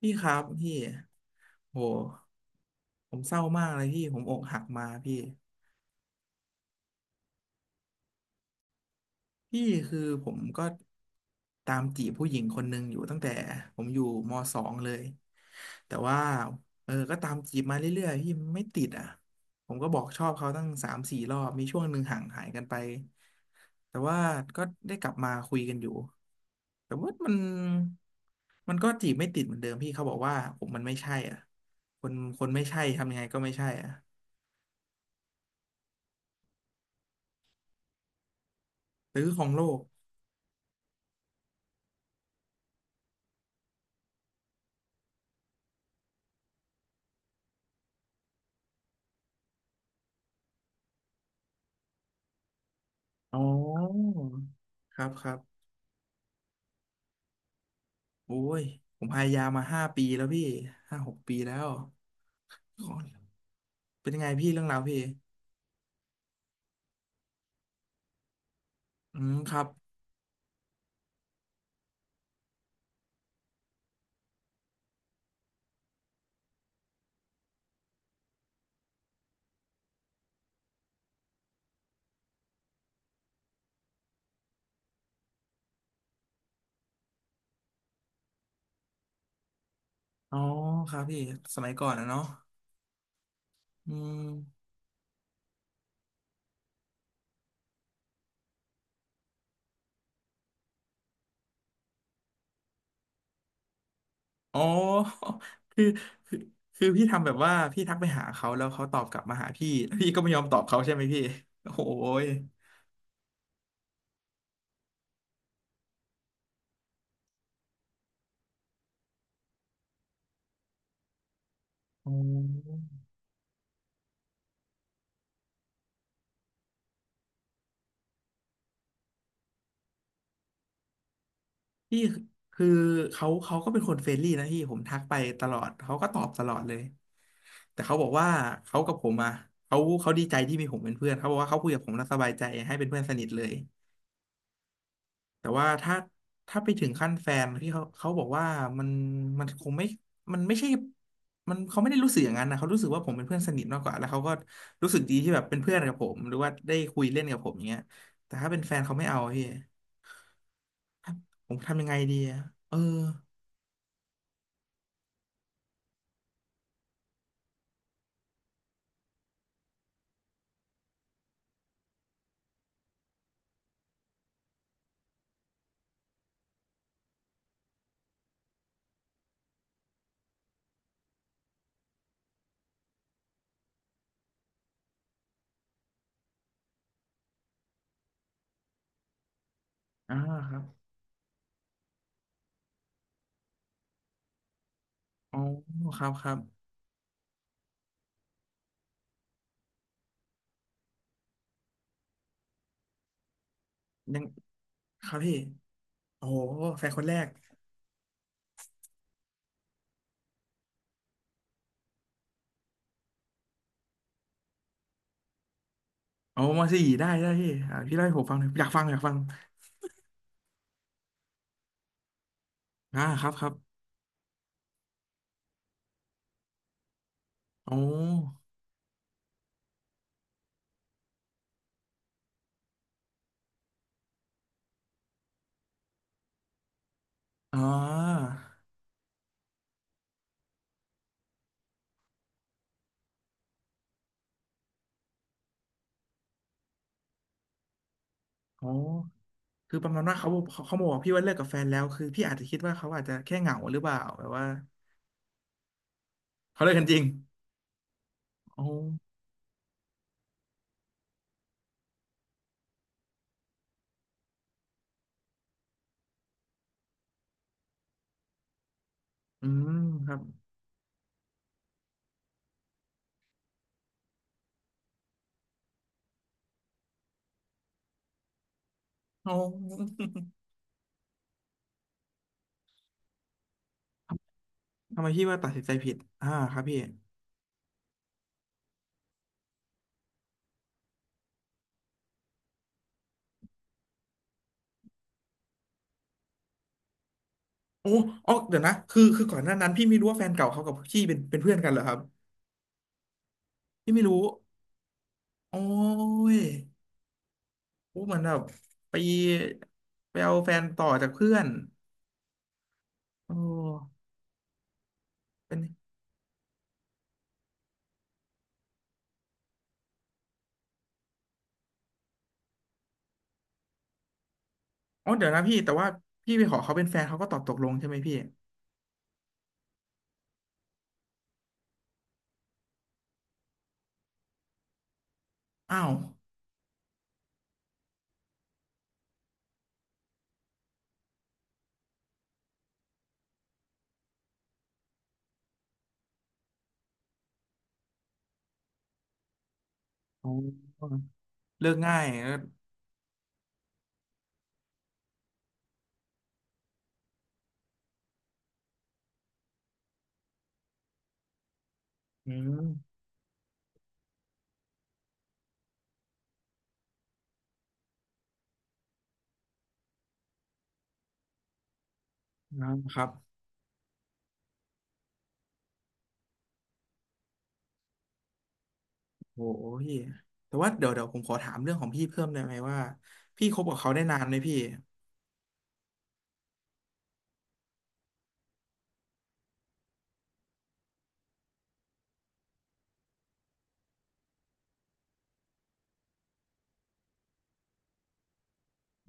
พี่ครับพี่โหผมเศร้ามากเลยพี่ ผมอกหักมาพี่ พี่คือผมก็ตามจีบผู้หญิงคนหนึ่งอยู่ตั้งแต่ผมอยู่มสองเลยแต่ว่าก็ตามจีบมาเรื่อยๆพี่ไม่ติดอ่ะผมก็บอกชอบเขาตั้งสามสี่รอบมีช่วงหนึ่งห่างหายกันไปแต่ว่าก็ได้กลับมาคุยกันอยู่แต่ว่ามันก็จีบไม่ติดเหมือนเดิมพี่เขาบอกว่าผมมันไม่ใช่อ่ะคนคนไม่ใช่ทำยังไงก็ไม่ใช่อ่ะหรือของโลกอ๋อครับครับ โอ้ย ผมพยายามมาห้าปีแล้วพี่ห้าหกปีแล้วขอเป็นยังไงพี่เรื่องราวพี่อืมครับ อ๋อครับพี่สมัยก่อนนะเนาะอืมอ๋อ คือคือคือพี่ทำแบบว่าพี่ทักไปหาเขาแล้วเขาตอบกลับมาหาพี่แล้วพี่ก็ไม่ยอมตอบเขาใช่ไหมพี่โอ้ยอ๋อ พี่คือเขาก็เป็นคนเฟรนลี่นะพี่ผมทักไปตลอดเขาก็ตอบตลอดเลยแต่เขาบอกว่าเขากับผมอ่ะเขาดีใจที่มีผมเป็นเพื่อนเขาบอกว่าเขาคุยกับผมแล้วสบายใจให้เป็นเพื่อนสนิทเลยแต่ว่าถ้าถ้าไปถึงขั้นแฟนพี่เขาบอกว่ามันมันคงไม่มันไม่ใช่มันเขาไม่ได้รู้สึกอย่างนั้นนะเขารู้สึกว่าผมเป็นเพื่อนสนิทมากกว่าแล้วเขาก็รู้สึกดีที่แบบเป็นเพื่อนกับผมหรือว่าได้คุยเล่นกับผมอย่างเงี้ยแต่ถ้าเป็นแฟนเขาไม่เอาพี่ผมทำยังไงดีอะเอออ่าครับ อ๋อครับครับยังครับพี่โอ้โหแฟนคนแรกโอ้มาสี่ได้ได้พี่อ่าพี่เล่าให้ผมฟังหน่อยอยากฟังอยากฟังอ่าครับครับโอ้อ่าโอ้คือประมาณว่าเขาบอกพี่ว่าเลิกกับแฟนแล้วคือพี่อาจจะคิดว่าเขาอาจจะแค่เหงาหรือเปล่าแบบว่าเขาเลิกกันจริงโอ้อืมครับโอ้ทำไมพี่ว่าตัดสินใจผิดอ่าครับพี่โอ้อ๋อเดี๋ยวนะคือก่อนหน้านั้นพี่ไม่รู้ว่าแฟนเก่าเขากับพี่เป็นเพื่อนกันเหรอครับพี่ไม่รู้โอ้ย อู้เหมือนแบบไปไปเอาแฟนต่อจากเพื่อนโอ้เป็นอ๋อเดี๋ยวนะพี่แต่ว่าพี่ไปขอเขาเป็นแฟนเขาก็ตอบตกลงใช่ไหมพี่อ้าวอ๋อเลิกง่ายอืมนะครับโอ้โหพี่แต่ว่าเดี๋ยวผมขอถามเรื่องของพี่เพิ่มได้ไหมว่าพี่คบกับเขาได้นานไหมพี่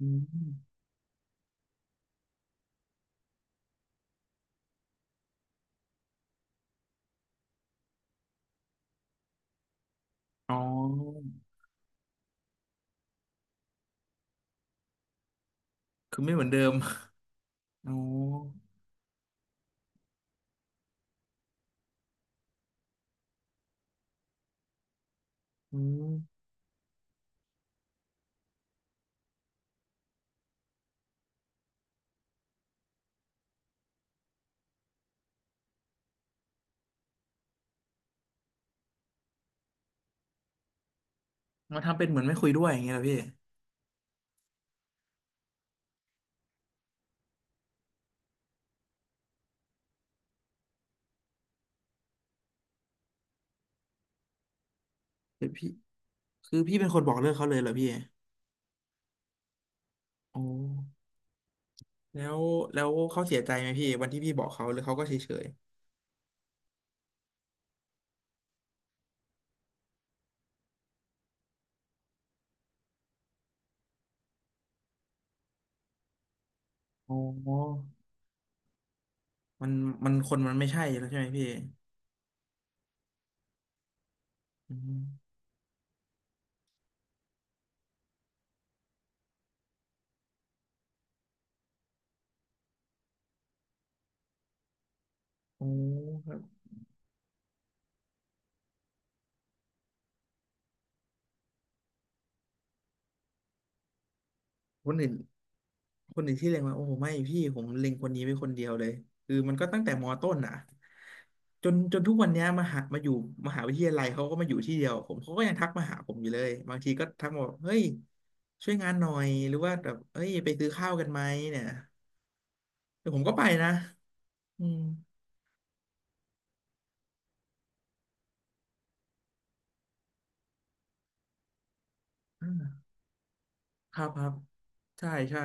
อืมอ๋อคือไม่เหมือนเดิมอ๋ออืมมาทำเป็นเหมือนไม่คุยด้วยอย่างเงี้ยเหรอพี่แต่พี่ คือพี่เป็นคนบอกเลิกเขาเลยเหรอพี่โอ้ แล้วแล้วเขาเสียใจไหมพี่วันที่พี่บอกเขาหรือเขาก็เฉยเฉยอ๋อมันมันคนมันไม่ใช่แล้วใช่ไหมพี่อืมโอ้ครับคนอื่นที่เล็งมาโอ้โหไม่พี่ผมเล็งคนนี้ไว้คนเดียวเลยคือมันก็ตั้งแต่มต้นอ่ะจนทุกวันเนี้ยมาหามาอยู่มหาวิทยาลัยเขาก็มาอยู่ที่เดียวผมเขาก็ยังทักมาหาผมอยู่เลยบางทีก็ทักมาบอกเฮ้ยช่วยงานหน่อยหรือว่าแบบเอ้ยไปซื้อข้าวกันไหมเนี่ยเดี๋ยวผมก็ไปนะอืม ครับครับใช่ใช่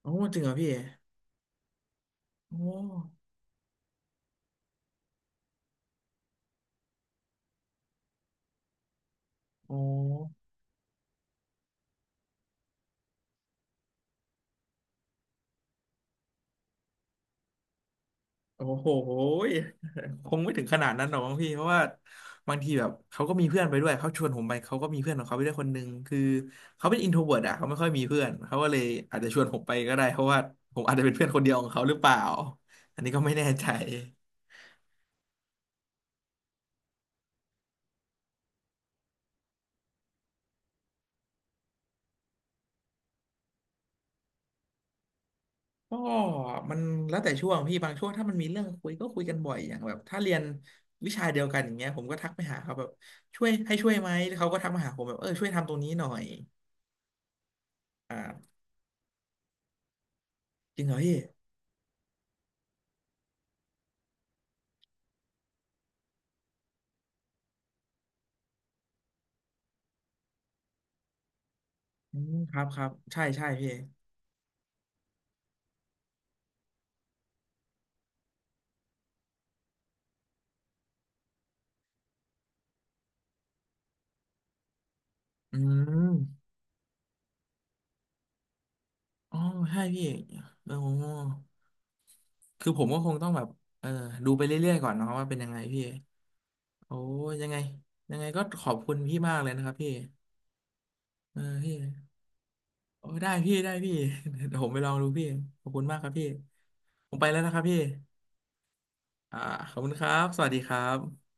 โอ้จริงเหรอพี่โอ้โอ้โอ้โหยคงไม่ถึงขนาดนั้นหรอกมั้งพี่เพราะว่าบางทีแบบเขาก็มีเพื่อนไปด้วยเขาชวนผมไปเขาก็มีเพื่อนของเขาไปด้วยคนนึงคือเขาเป็นอินโทรเวิร์ตอะเขาไม่ค่อยมีเพื่อนเขาก็เลยอาจจะชวนผมไปก็ได้เพราะว่าผมอาจจะเป็นเพื่อนคนเดียวของเขาหรือเปล่าอันนี้ก็ไม่แน่ใจ ก็มันแล้วแต่ช่วงพี่บางช่วงถ้ามันมีเรื่องคุยก็คุยกันบ่อยอย่างแบบถ้าเรียนวิชาเดียวกันอย่างเงี้ยผมก็ทักไปหาเขาแบบช่วยให้ช่วยไหมแล้วเขาก็ทักมาหาผมแบบช่วยทำตรงนี้หน่อยอ่าจริงเหรอพี่อืมครับครับใช่ใช่พี่อืมอ๋อใช่พี่โอ้คือผมก็คงต้องแบบเออดูไปเรื่อยๆก่อนเนาะว่าเป็นยังไงพี่โอ้ยังไงยังไงก็ขอบคุณพี่มากเลยนะครับพี่พี่ โอ้ได้พี่ได้พี่ เดี๋ยวผมไปลองดูพี่ขอบคุณมากครับพี่ผมไปแล้วนะครับพี่อ่าขอบคุณครับสวัสดีครับ